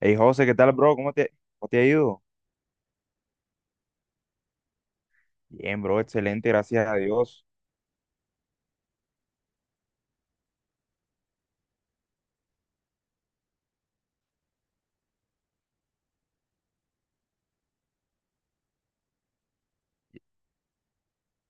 Hey José, ¿qué tal, bro? ¿Cómo cómo te ha ido? Bien, bro, excelente, gracias a Dios.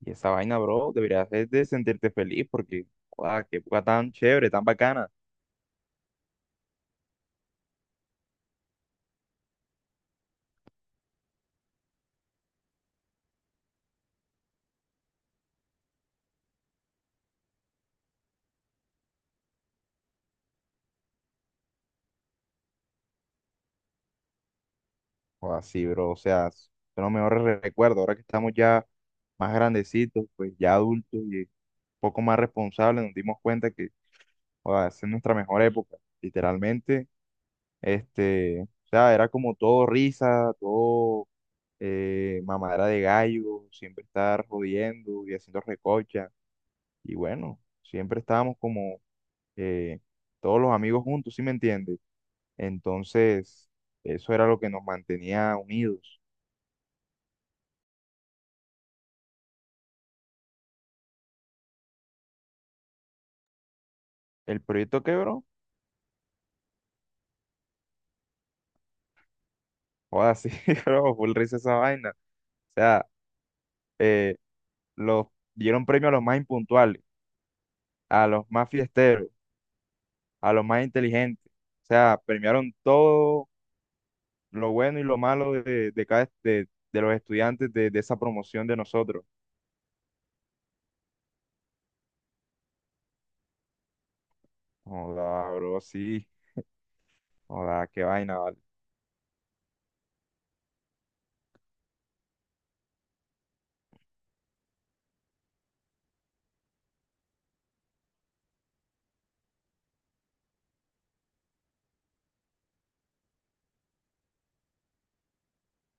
Y esa vaina, bro, deberías hacerte sentirte feliz porque, guau, qué época tan chévere, tan bacana. Guau, sí, bro, o sea, son los mejores recuerdos. Ahora que estamos ya más grandecitos, pues ya adultos y un poco más responsables, nos dimos cuenta que, guau, esa es nuestra mejor época, literalmente. Este, o sea, era como todo risa, todo mamadera de gallo, siempre estar jodiendo y haciendo recocha. Y bueno, siempre estábamos como eh, todos los amigos juntos, ¿sí me entiendes? Entonces, eso era lo que nos mantenía unidos. El proyecto quebró, joda, sí, bro, full risa esa vaina. O sea, eh, los, dieron premio a los más impuntuales, a los más fiesteros, a los más inteligentes. O sea, premiaron todo lo bueno y lo malo de cada, de los estudiantes de esa promoción de nosotros. Joda, bro, sí, joda, qué vaina, ¿vale?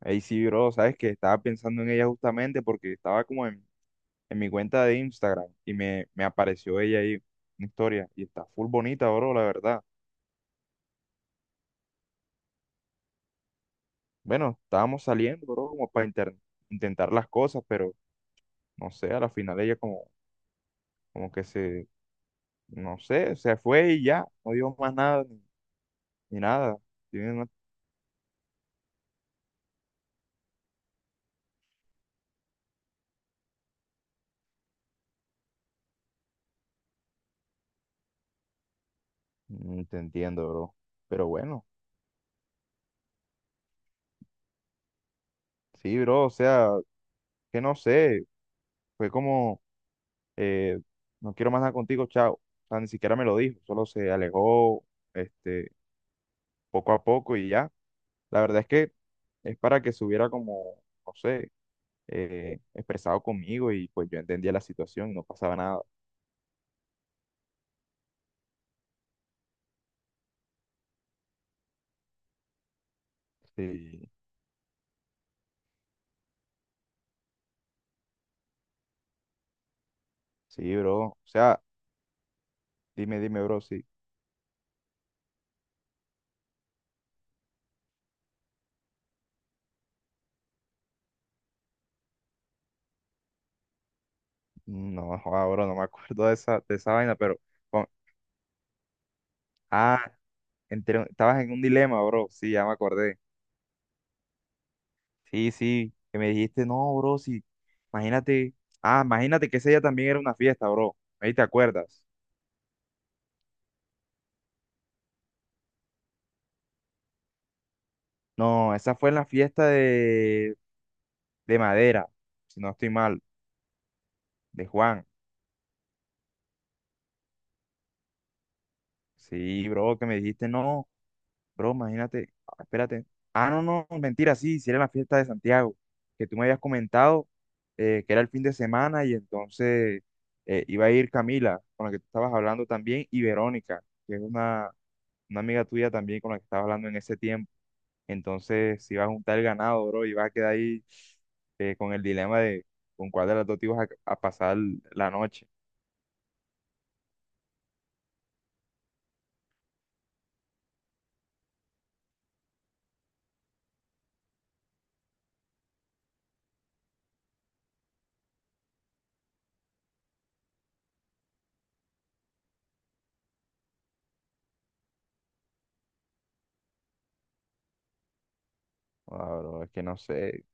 Ahí sí, bro, sabes que estaba pensando en ella justamente porque estaba como en mi cuenta de Instagram y me apareció ella ahí, una historia, y está full bonita, bro, la verdad. Bueno, estábamos saliendo, bro, como para intentar las cosas, pero no sé, a la final ella como, como que se, no sé, se fue y ya, no dijo más nada, ni, ni nada. Yo no- Mm, te entiendo, bro. Pero bueno, sí, bro, o sea, que no sé, fue como eh, no quiero más nada contigo, chao. O sea, ni siquiera me lo dijo, solo se alejó, este, poco a poco y ya. La verdad es que es para que se hubiera como, no sé, expresado conmigo y pues yo entendía la situación, y no pasaba nada. Sí, sí, bro. O sea, dime, dime, bro, sí. No, joda, bro, no me acuerdo de esa vaina, pero... con- Ah, estabas en un dilema, bro. Sí, ya me acordé. Sí, sí, que me dijiste, no, bro, sí, imagínate, ah, imagínate que ese día también era una fiesta, bro, ahí te acuerdas. No, esa fue en la fiesta de Madera, si no estoy mal, de Juan. Sí, bro, que me dijiste, no, bro, imagínate, ah, espérate. Ah, no, no, mentira, sí, sí era la fiesta de Santiago, que tú me habías comentado que era el fin de semana y entonces iba a ir Camila, con la que tú estabas hablando también, y Verónica, que es una amiga tuya también con la que estabas hablando en ese tiempo. Entonces, si vas a juntar el ganado, bro, y vas a quedar ahí con el dilema de con cuál de las dos a pasar la noche. Ah, bro, es que no sé,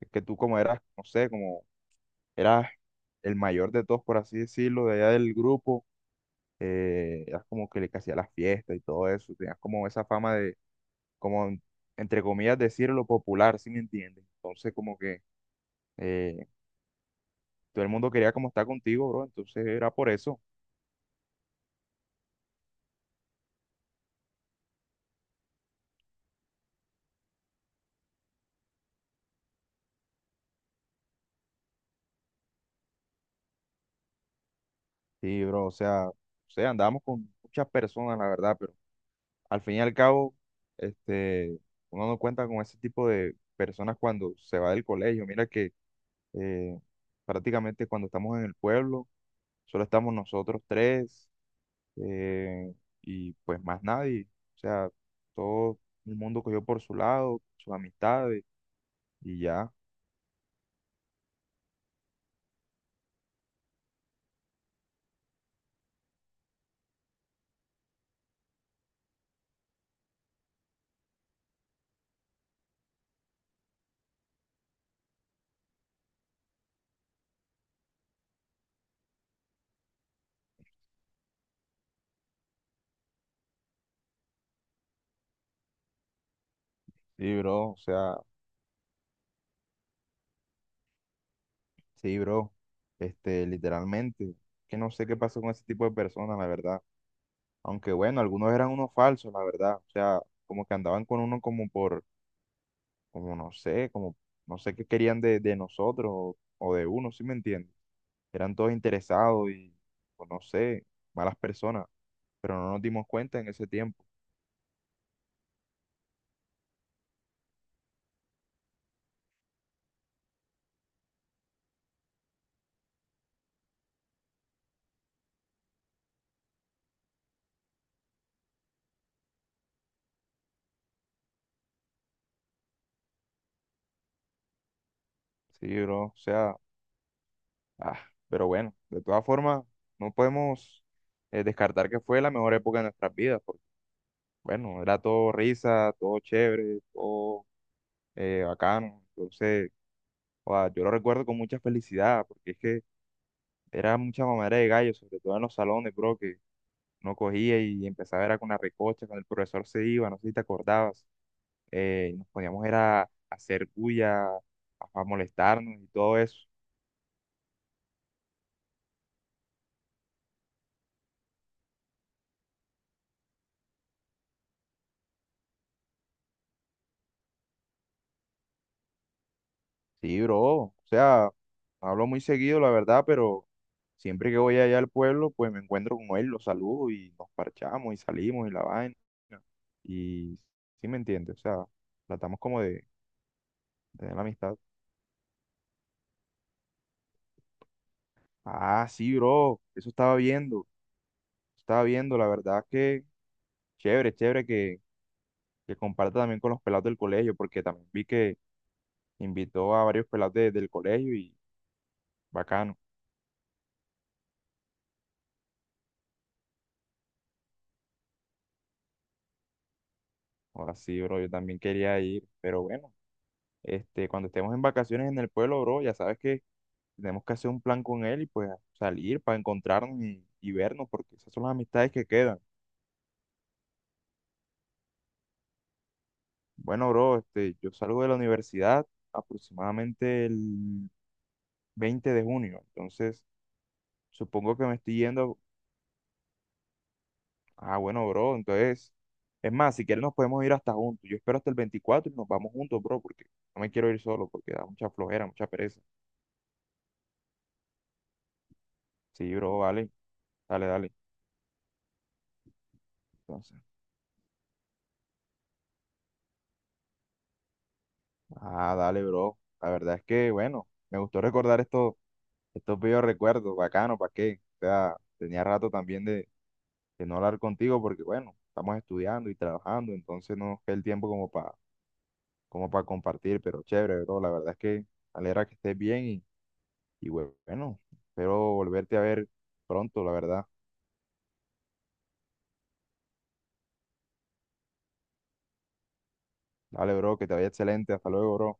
es que tú como eras, no sé, como eras el mayor de todos, por así decirlo, de allá del grupo, eras como que le que hacía las fiestas y todo eso, tenías como esa fama de, como, entre comillas, decirlo popular, ¿si me entiendes? Entonces, como que eh, todo el mundo quería como estar contigo, bro, entonces era por eso. Sí, bro, o sea, andábamos con muchas personas, la verdad, pero al fin y al cabo, este, uno no cuenta con ese tipo de personas cuando se va del colegio. Mira que eh, prácticamente cuando estamos en el pueblo, solo estamos nosotros tres eh, y pues más nadie. O sea, todo el mundo cogió por su lado, sus amistades y ya. Sí, bro, o sea, sí, bro, este, literalmente, que no sé qué pasó con ese tipo de personas, la verdad. Aunque bueno, algunos eran unos falsos, la verdad. O sea, como que andaban con uno como por, como no sé qué querían de nosotros o de uno, ¿sí me entiendes? Eran todos interesados y, pues no sé, malas personas, pero no nos dimos cuenta en ese tiempo. Sí, bro, o sea, ah, pero bueno, de todas formas, no podemos descartar que fue la mejor época de nuestras vidas, porque bueno, era todo risa, todo chévere, todo bacano. Entonces joda, yo lo recuerdo con mucha felicidad, porque es que era mucha mamadera de gallo, sobre todo en los salones, bro, que no cogía y empezaba era con la recocha, cuando el profesor se iba, no sé si te acordabas, nos poníamos era a hacer bulla, a molestarnos y todo eso. Sí, bro, o sea, no hablo muy seguido, la verdad, pero siempre que voy allá al pueblo, pues me encuentro con él, lo saludo y nos parchamos y salimos y la vaina. Y sí me entiende, o sea, tratamos como de tener la amistad. Ah, sí, bro, eso estaba viendo, la verdad que chévere, chévere que comparta también con los pelados del colegio, porque también vi que invitó a varios pelados del colegio y bacano. Ahora sí, bro, yo también quería ir, pero bueno, este, cuando estemos en vacaciones en el pueblo, bro, ya sabes que tenemos que hacer un plan con él y pues salir para encontrarnos y vernos, porque esas son las amistades que quedan. Bueno, bro, este, yo salgo de la universidad aproximadamente el 20 de junio, entonces... Supongo que me estoy yendo. Ah, bueno, bro, entonces. Es más, si quieres nos podemos ir hasta juntos. Yo espero hasta el 24 y nos vamos juntos, bro, porque no me quiero ir solo, porque da mucha flojera, mucha pereza. Sí, bro, vale. Dale, dale. Entonces, ah, dale, bro. La verdad es que, bueno, me gustó recordar estos, estos viejos recuerdos, bacano, ¿para qué? O sea, tenía rato también de no hablar contigo, porque, bueno, estamos estudiando y trabajando, entonces no nos queda el tiempo como para como para compartir, pero chévere, bro. La verdad es que me alegra que estés bien. Y bueno, espero volverte a ver pronto, la verdad. Dale, bro, que te vaya excelente. Hasta luego, bro.